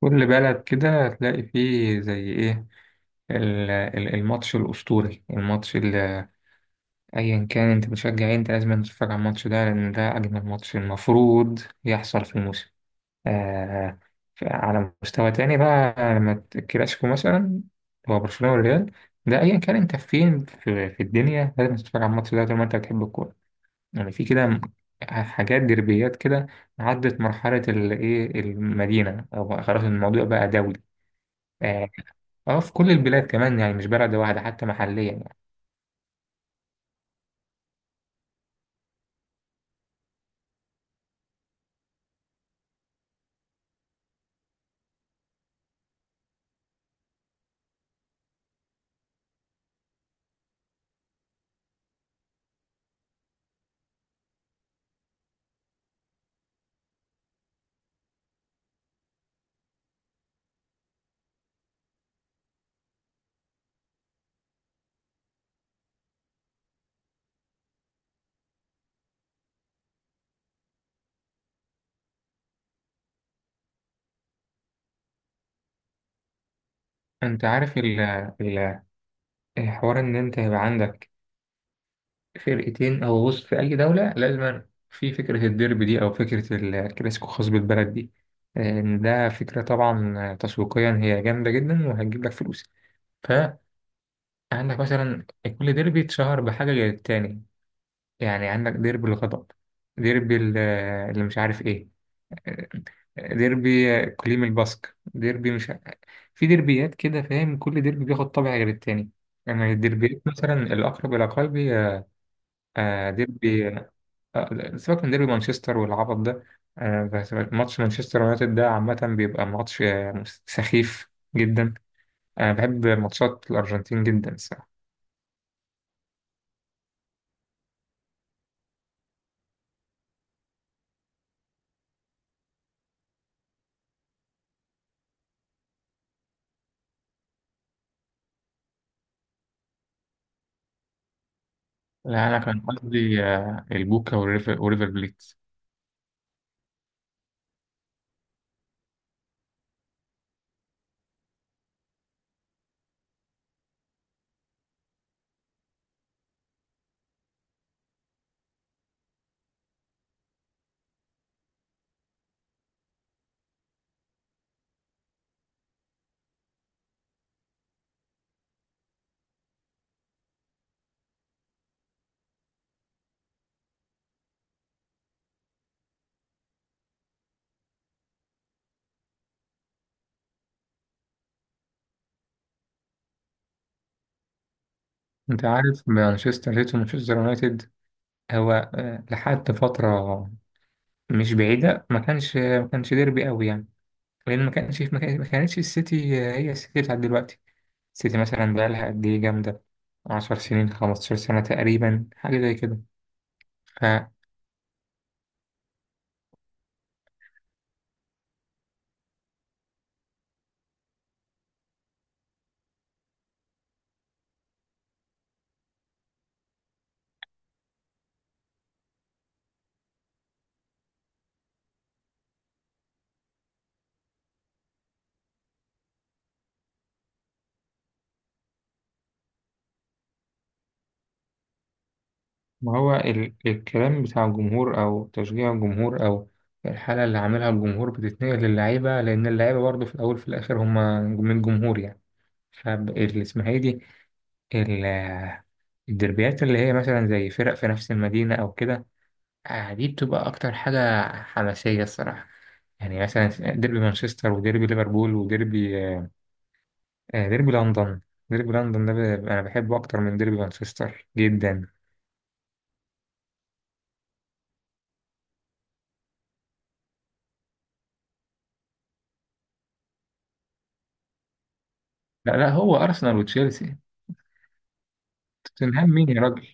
كل بلد كده هتلاقي فيه زي ايه، الماتش الأسطوري، الماتش اللي أيا كان انت بتشجع ايه، انت لازم تتفرج على الماتش ده، لأن ده أجمل ماتش المفروض يحصل في الموسم. آه. على مستوى تاني بقى، لما الكلاسيكو مثلا، هو برشلونة والريال. ده أيا كان انت فين في الدنيا لازم تتفرج على الماتش ده طول ما انت بتحب الكورة. يعني في كده حاجات دربيات كده، عدت مرحلة الإيه، المدينة، أو خلاص الموضوع بقى دولي. آه. اه، في كل البلاد كمان، يعني مش بلد واحدة، حتى محليا يعني. انت عارف ال- الحوار، ان انت يبقى عندك فرقتين او غصن في اي دولة لازم في فكرة الديربي دي، او فكرة الكلاسيكو الخاص بالبلد دي. ان ده فكرة طبعا تسويقيا هي جامدة جدا، وهتجيب لك فلوس. فعندك مثلا كل ديربي اتشهر بحاجة غير التاني. يعني عندك ديربي الغضب، ديربي اللي مش عارف ايه، ديربي كليم الباسك، ديربي مش، في ديربيات كده فاهم، كل ديربي بياخد طابع غير التاني. يعني الديربيات مثلا الأقرب إلى قلبي، آه. ديربي، سيبك من ديربي مانشستر والعبط ده. بس ماتش مانشستر يونايتد ده عامة بيبقى ماتش سخيف جدا. أنا بحب ماتشات الأرجنتين جدا الصراحة. لا، أنا كان قصدي البوكا وريفر وريفر بليت. أنت عارف مانشستر سيتي ومانشستر يونايتد، هو لحد فترة مش بعيدة، ما كانش ديربي قوي يعني، لان ما كانش في مكان، ما كانتش السيتي هي السيتي بتاعت دلوقتي. السيتي مثلا بقى لها قد ايه جامده؟ 10 سنين، 15 سنه تقريبا، حاجه زي كده. فما. هو الكلام بتاع الجمهور، او تشجيع الجمهور، او الحاله اللي عاملها الجمهور بتتنقل للعيبه، لان اللعيبه برضه في الاول في الاخر هم من الجمهور يعني. فاللي اسمها ايه دي، ال- الدربيات اللي هي مثلا زي فرق في نفس المدينه او كده، دي بتبقى أكتر حاجة حماسية الصراحة. يعني مثلا ديربي مانشستر، وديربي ليفربول، وديربي آه، آه، ديربي لندن. ديربي لندن ده أنا بحبه أكتر من ديربي مانشستر جدا. لا، لا، هو أرسنال وتشيلسي. توتنهام مين يا راجل؟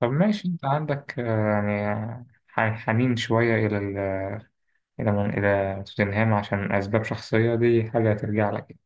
طب ماشي، أنت عندك يعني حنين شوية إلى إلى، إلى توتنهام، عشان أسباب شخصية؟ دي حاجة ترجع لك يعني.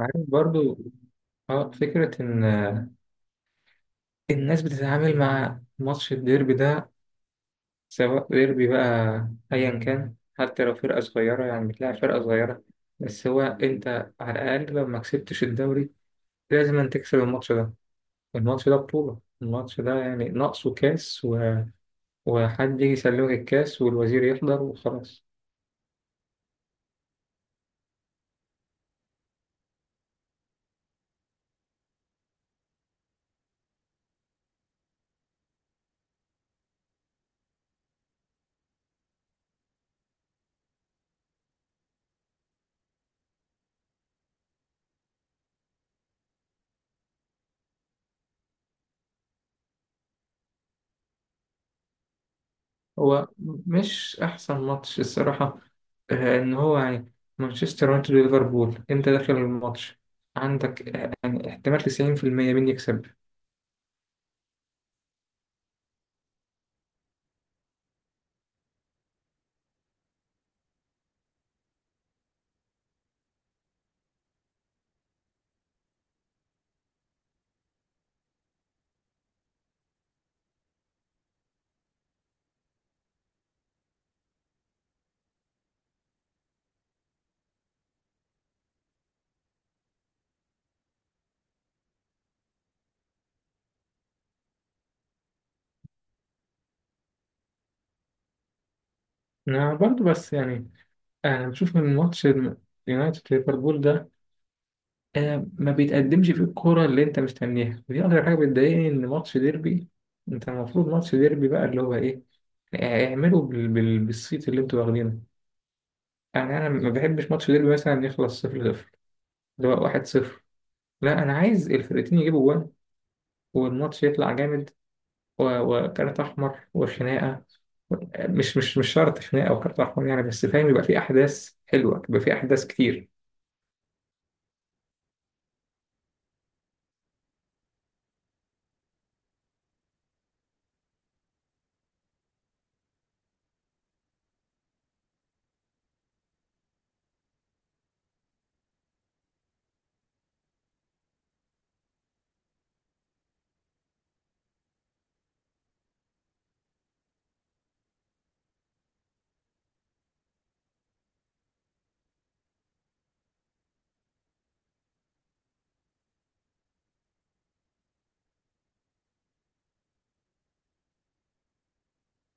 عارف برضو اه فكرة إن الناس بتتعامل مع ماتش الديربي ده، سواء ديربي بقى أيا كان، حتى لو فرقة صغيرة يعني بتلاعب فرقة صغيرة. بس هو أنت على الأقل لو ما كسبتش الدوري، لازم أن تكسب الماتش ده. الماتش ده بطولة، الماتش ده يعني ناقصه كاس، وحد يجي يسلمك الكاس والوزير يحضر وخلاص. هو مش أحسن ماتش الصراحة. إن هو يعني مانشستر يونايتد وليفربول، أنت داخل الماتش عندك يعني احتمال 90% مين يكسب. أنا برضه بس يعني انا بشوف ان ماتش يونايتد ليفربول ده ما بيتقدمش فيه الكوره اللي انت مستنيها، ودي اكتر حاجه بتضايقني، ان ماتش ديربي، انت المفروض ماتش ديربي بقى اللي هو ايه، اعملوا بالصيت اللي انتوا واخدينه. يعني انا ما بحبش ماتش ديربي مثلا يخلص 0-0، اللي هو 1-0. لا، انا عايز الفرقتين يجيبوا جوان، والماتش يطلع جامد، وكارت احمر وخناقه، مش شرط خناقه وكارت احمر يعني، بس فاهم يبقى في احداث حلوه، يبقى في احداث كتير.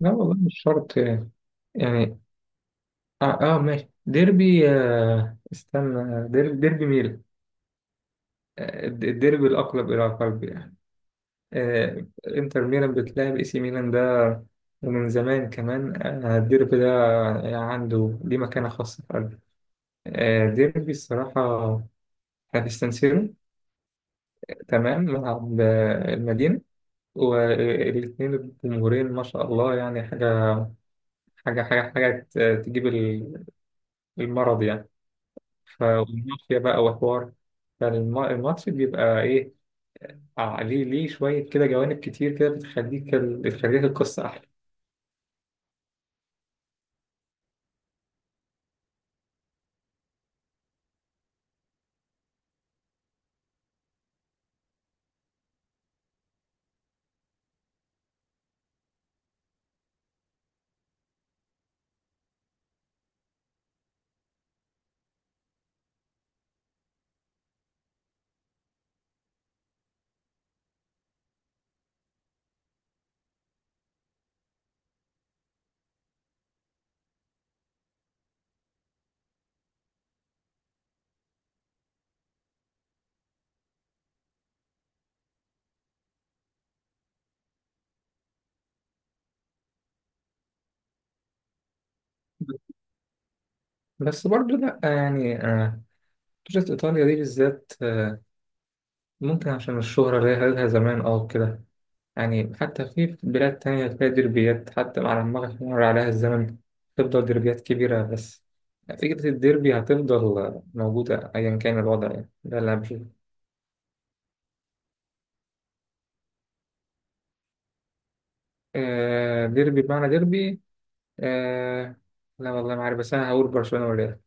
لا والله مش شرط يعني. يعني. ماشي، ديربي، استنى، ديربي ميلان. الديربي الأقرب إلى قلبي يعني. إنتر ميلان بتلعب إي سي ميلان ده، ومن زمان كمان الديربي ده يعني عنده ليه مكانة خاصة في قلبي. ديربي الصراحة، إحنا في سان سيرو، تمام، ملعب المدينة، والاثنين الجمهورين ما شاء الله، يعني حاجة تجيب المرض يعني، فمافيا بقى وحوار. فالماتش بيبقى إيه؟ ليه، شوية كده جوانب كتير كده، بتخليك القصة أحلى. بس برضو لأ يعني، بطولة إيطاليا دي بالذات ممكن عشان الشهرة اللي هي لها زمان كده، يعني حتى في بلاد تانية تلاقي ديربيات، حتى مع لما يمر عليها الزمن تفضل ديربيات كبيرة. بس فكرة الديربي هتفضل موجودة أيا كان الوضع يعني، ده اللي أنا بشوفه. ديربي بمعنى ديربي، آه... لا والله ما عارف، بس انا هقول برشلونة والريال